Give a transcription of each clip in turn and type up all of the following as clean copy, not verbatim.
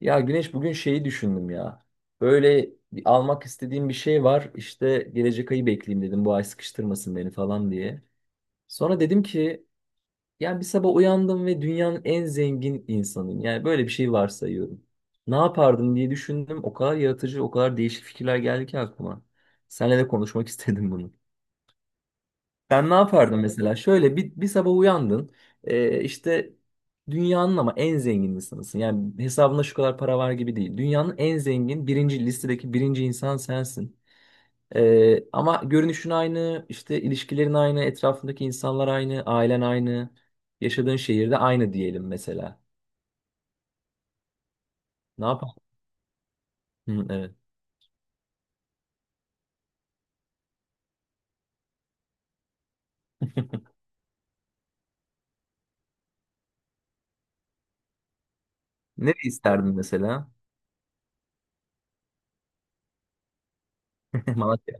Ya Güneş bugün şeyi düşündüm ya. Böyle bir almak istediğim bir şey var. İşte gelecek ayı bekleyeyim dedim. Bu ay sıkıştırmasın beni falan diye. Sonra dedim ki yani bir sabah uyandım ve dünyanın en zengin insanıyım. Yani böyle bir şey varsayıyorum. Ne yapardım diye düşündüm. O kadar yaratıcı, o kadar değişik fikirler geldi ki aklıma. Seninle de konuşmak istedim bunu. Ben ne yapardım mesela? Şöyle bir sabah uyandın. İşte dünyanın ama en zengin insanısın. Yani hesabında şu kadar para var gibi değil. Dünyanın en zengin birinci listedeki birinci insan sensin. Ama görünüşün aynı, işte ilişkilerin aynı, etrafındaki insanlar aynı, ailen aynı, yaşadığın şehirde aynı diyelim mesela. Ne yapar? Hı, evet. Ne isterdin mesela? Malatya.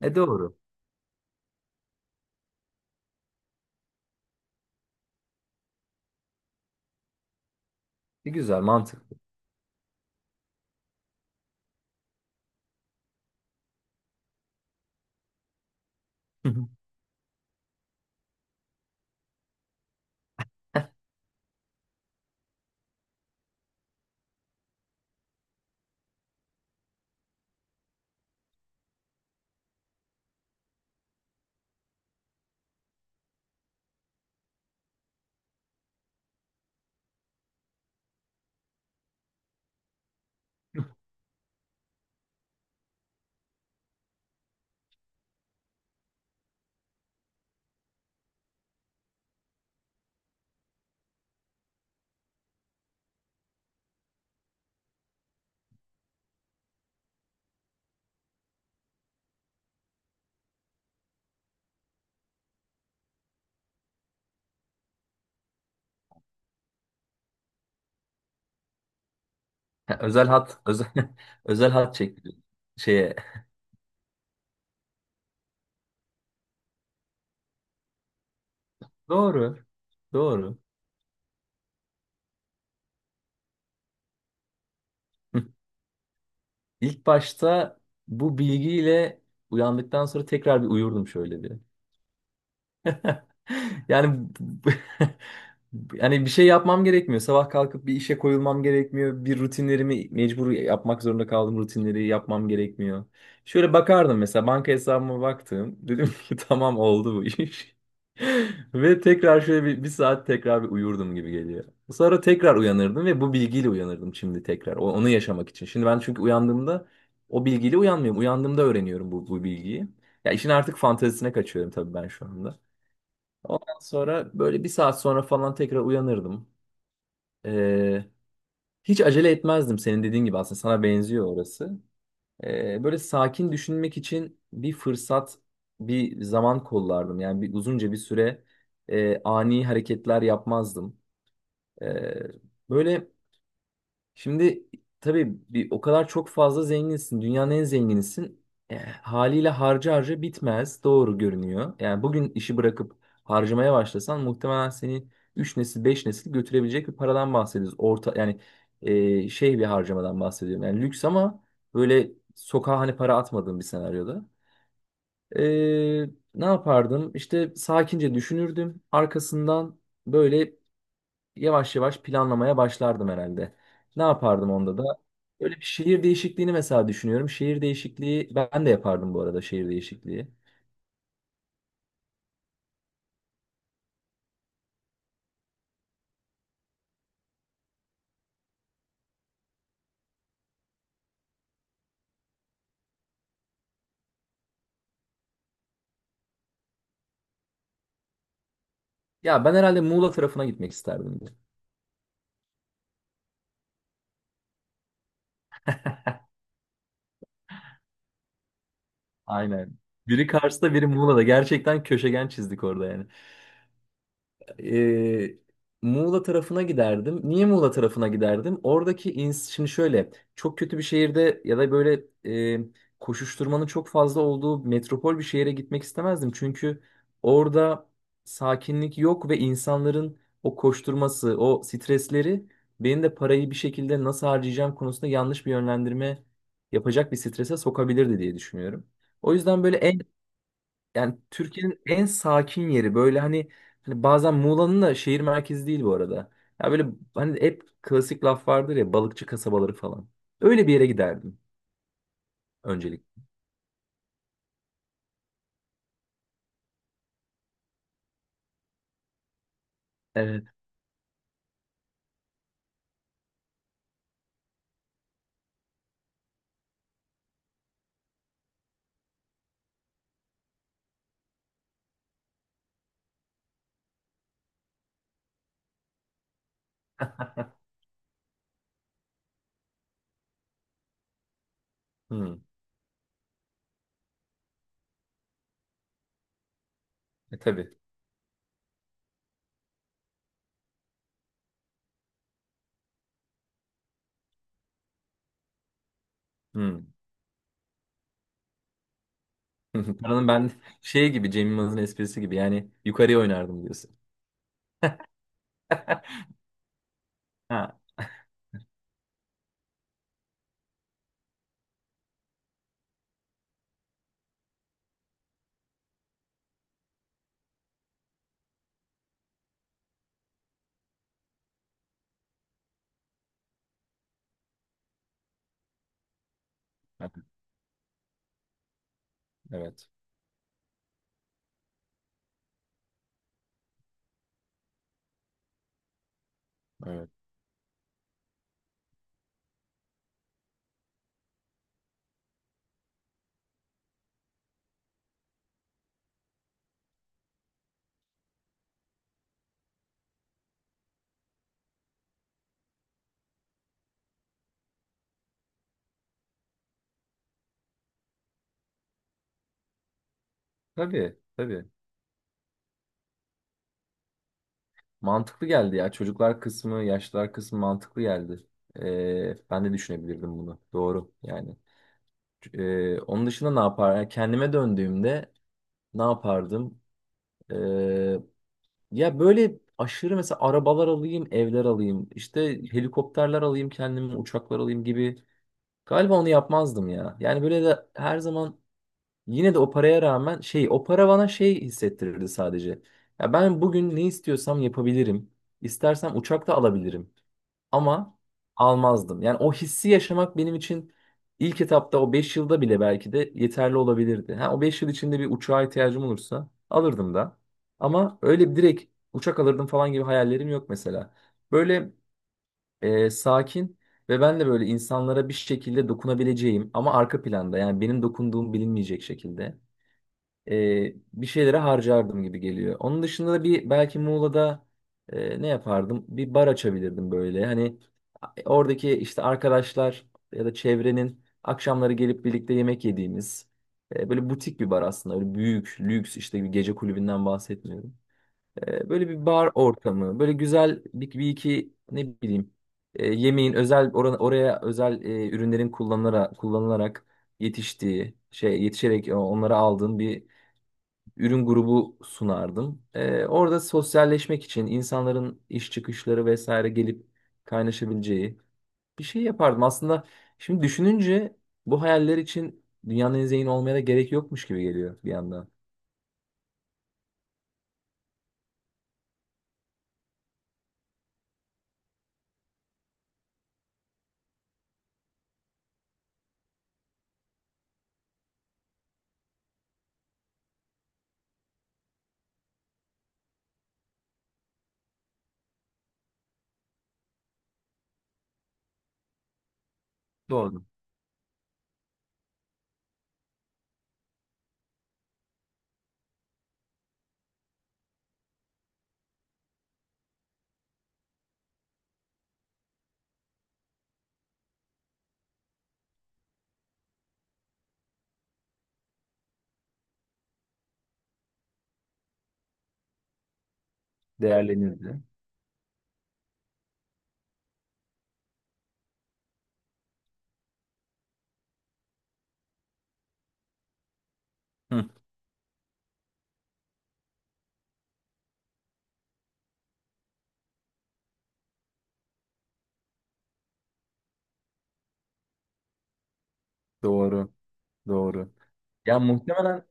E doğru. E, güzel, mantıklı. Özel hat, özel, özel hat çekti şeye. Doğru. Doğru. Hı. İlk başta bu bilgiyle uyandıktan sonra tekrar bir uyurdum şöyle bir. Yani yani bir şey yapmam gerekmiyor. Sabah kalkıp bir işe koyulmam gerekmiyor. Bir rutinlerimi mecbur yapmak zorunda kaldığım rutinleri yapmam gerekmiyor. Şöyle bakardım mesela banka hesabıma baktım. Dedim ki tamam oldu bu iş. Ve tekrar şöyle bir saat tekrar bir uyurdum gibi geliyor. Sonra tekrar uyanırdım ve bu bilgiyle uyanırdım şimdi tekrar. Onu yaşamak için. Şimdi ben çünkü uyandığımda o bilgiyle uyanmıyorum. Uyandığımda öğreniyorum bu bilgiyi. Ya işin artık fantezisine kaçıyorum tabii ben şu anda. Ondan sonra böyle bir saat sonra falan tekrar uyanırdım. Ee, hiç acele etmezdim senin dediğin gibi aslında sana benziyor orası. Böyle sakin düşünmek için bir fırsat, bir zaman kollardım. Yani bir uzunca bir süre ani hareketler yapmazdım. Ee, böyle Şimdi tabii o kadar çok fazla zenginsin. Dünyanın en zenginisin. Haliyle harca harca bitmez. Doğru görünüyor. Yani bugün işi bırakıp harcamaya başlasan muhtemelen seni 3 nesil 5 nesil götürebilecek bir paradan bahsediyoruz. Orta yani şey bir harcamadan bahsediyorum. Yani lüks ama böyle sokağa hani para atmadığım bir senaryoda. E, ne yapardım? İşte sakince düşünürdüm. Arkasından böyle yavaş yavaş planlamaya başlardım herhalde. Ne yapardım onda da? Böyle bir şehir değişikliğini mesela düşünüyorum. Şehir değişikliği ben de yapardım bu arada şehir değişikliği. Ya ben herhalde Muğla tarafına gitmek isterdim. Aynen. Biri Kars'ta biri Muğla'da. Gerçekten köşegen çizdik orada yani. e, Muğla tarafına giderdim. Niye Muğla tarafına giderdim? Oradaki ins şimdi şöyle çok kötü bir şehirde ya da böyle e, koşuşturmanın çok fazla olduğu metropol bir şehire gitmek istemezdim. Çünkü orada sakinlik yok ve insanların o koşturması, o stresleri benim de parayı bir şekilde nasıl harcayacağım konusunda yanlış bir yönlendirme yapacak bir strese sokabilirdi diye düşünüyorum. O yüzden böyle en yani Türkiye'nin en sakin yeri böyle hani bazen Muğla'nın da şehir merkezi değil bu arada. Ya böyle hani hep klasik laf vardır ya balıkçı kasabaları falan. Öyle bir yere giderdim öncelik. Evet. Hmm. E tabii. Hmm. Paranın ben şey gibi Cem Yılmaz'ın esprisi gibi yani yukarıya oynardım diyorsun. Ha. Evet, evet. Evet. Tabii, tabii. Mantıklı geldi ya. Çocuklar kısmı, yaşlılar kısmı mantıklı geldi. Ben de düşünebilirdim bunu. Doğru yani. Onun dışında ne yapar? Yani kendime döndüğümde ne yapardım? Ee, ya böyle aşırı mesela arabalar alayım, evler alayım, işte helikopterler alayım kendime, uçaklar alayım gibi. Galiba onu yapmazdım ya. Yani böyle de her zaman yine de o paraya rağmen şey, o para bana şey hissettirirdi sadece. Ya ben bugün ne istiyorsam yapabilirim. İstersem uçak da alabilirim ama almazdım. Yani o hissi yaşamak benim için ilk etapta o 5 yılda bile belki de yeterli olabilirdi. Ha, o 5 yıl içinde bir uçağa ihtiyacım olursa alırdım da. Ama öyle direkt uçak alırdım falan gibi hayallerim yok mesela. Böyle sakin ve ben de böyle insanlara bir şekilde dokunabileceğim ama arka planda yani benim dokunduğum bilinmeyecek şekilde bir şeylere harcardım gibi geliyor. Onun dışında da bir belki Muğla'da ne yapardım? Bir bar açabilirdim böyle. Hani oradaki işte arkadaşlar ya da çevrenin akşamları gelip birlikte yemek yediğimiz böyle butik bir bar aslında. Öyle büyük, lüks işte bir gece kulübünden bahsetmiyorum. Böyle bir bar ortamı, böyle güzel bir iki ne bileyim yemeğin özel oraya özel ürünlerin kullanılarak yetiştiği şey yetişerek onları aldığın bir ürün grubu sunardım. Orada sosyalleşmek için insanların iş çıkışları vesaire gelip kaynaşabileceği bir şey yapardım. Aslında şimdi düşününce bu hayaller için dünyanın en zengin olmaya da gerek yokmuş gibi geliyor bir yandan. Doğru. Değerlenirdi. Hı, doğru, doğru. Ya muhtemelen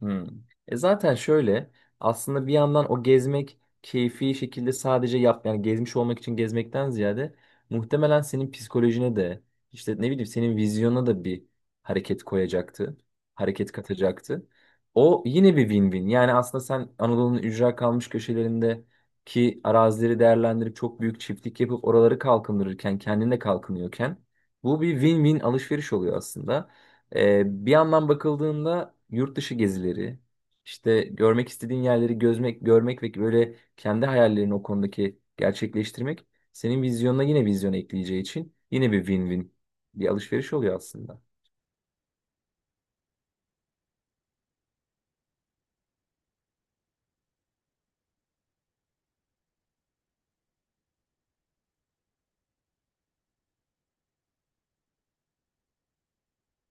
Hmm. E zaten şöyle aslında bir yandan o gezmek keyfi şekilde sadece yap yani gezmiş olmak için gezmekten ziyade muhtemelen senin psikolojine de işte ne bileyim senin vizyona da bir hareket koyacaktı. Hareket katacaktı. O yine bir win-win. Yani aslında sen Anadolu'nun ücra kalmış köşelerindeki arazileri değerlendirip çok büyük çiftlik yapıp oraları kalkındırırken kendin de kalkınıyorken bu bir win-win alışveriş oluyor aslında. Bir yandan bakıldığında yurt dışı gezileri, işte görmek istediğin yerleri gözmek, görmek ve böyle kendi hayallerini o konudaki gerçekleştirmek senin vizyonuna yine vizyon ekleyeceği için yine bir win-win bir alışveriş oluyor aslında.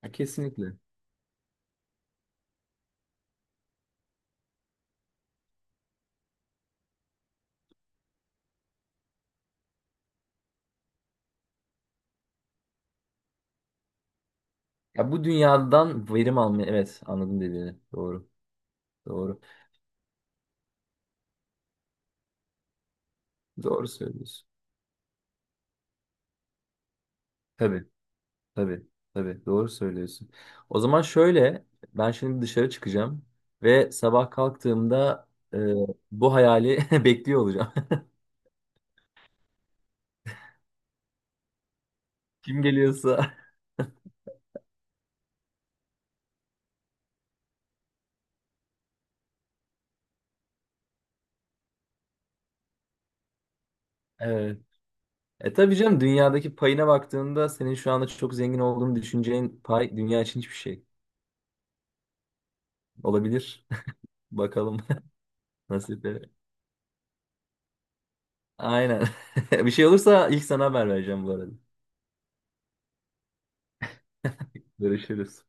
Ya kesinlikle. Ya bu dünyadan verim almayı evet anladım dediğini. Doğru. Doğru. Doğru söylüyorsun. Tabii. Tabii, tabii doğru söylüyorsun. O zaman şöyle, ben şimdi dışarı çıkacağım ve sabah kalktığımda e, bu hayali bekliyor olacağım. Kim geliyorsa. Evet. E tabii canım dünyadaki payına baktığında senin şu anda çok zengin olduğunu düşüneceğin pay dünya için hiçbir şey. Olabilir. Bakalım nasip. Aynen. Bir şey olursa ilk sana haber vereceğim bu arada. Görüşürüz.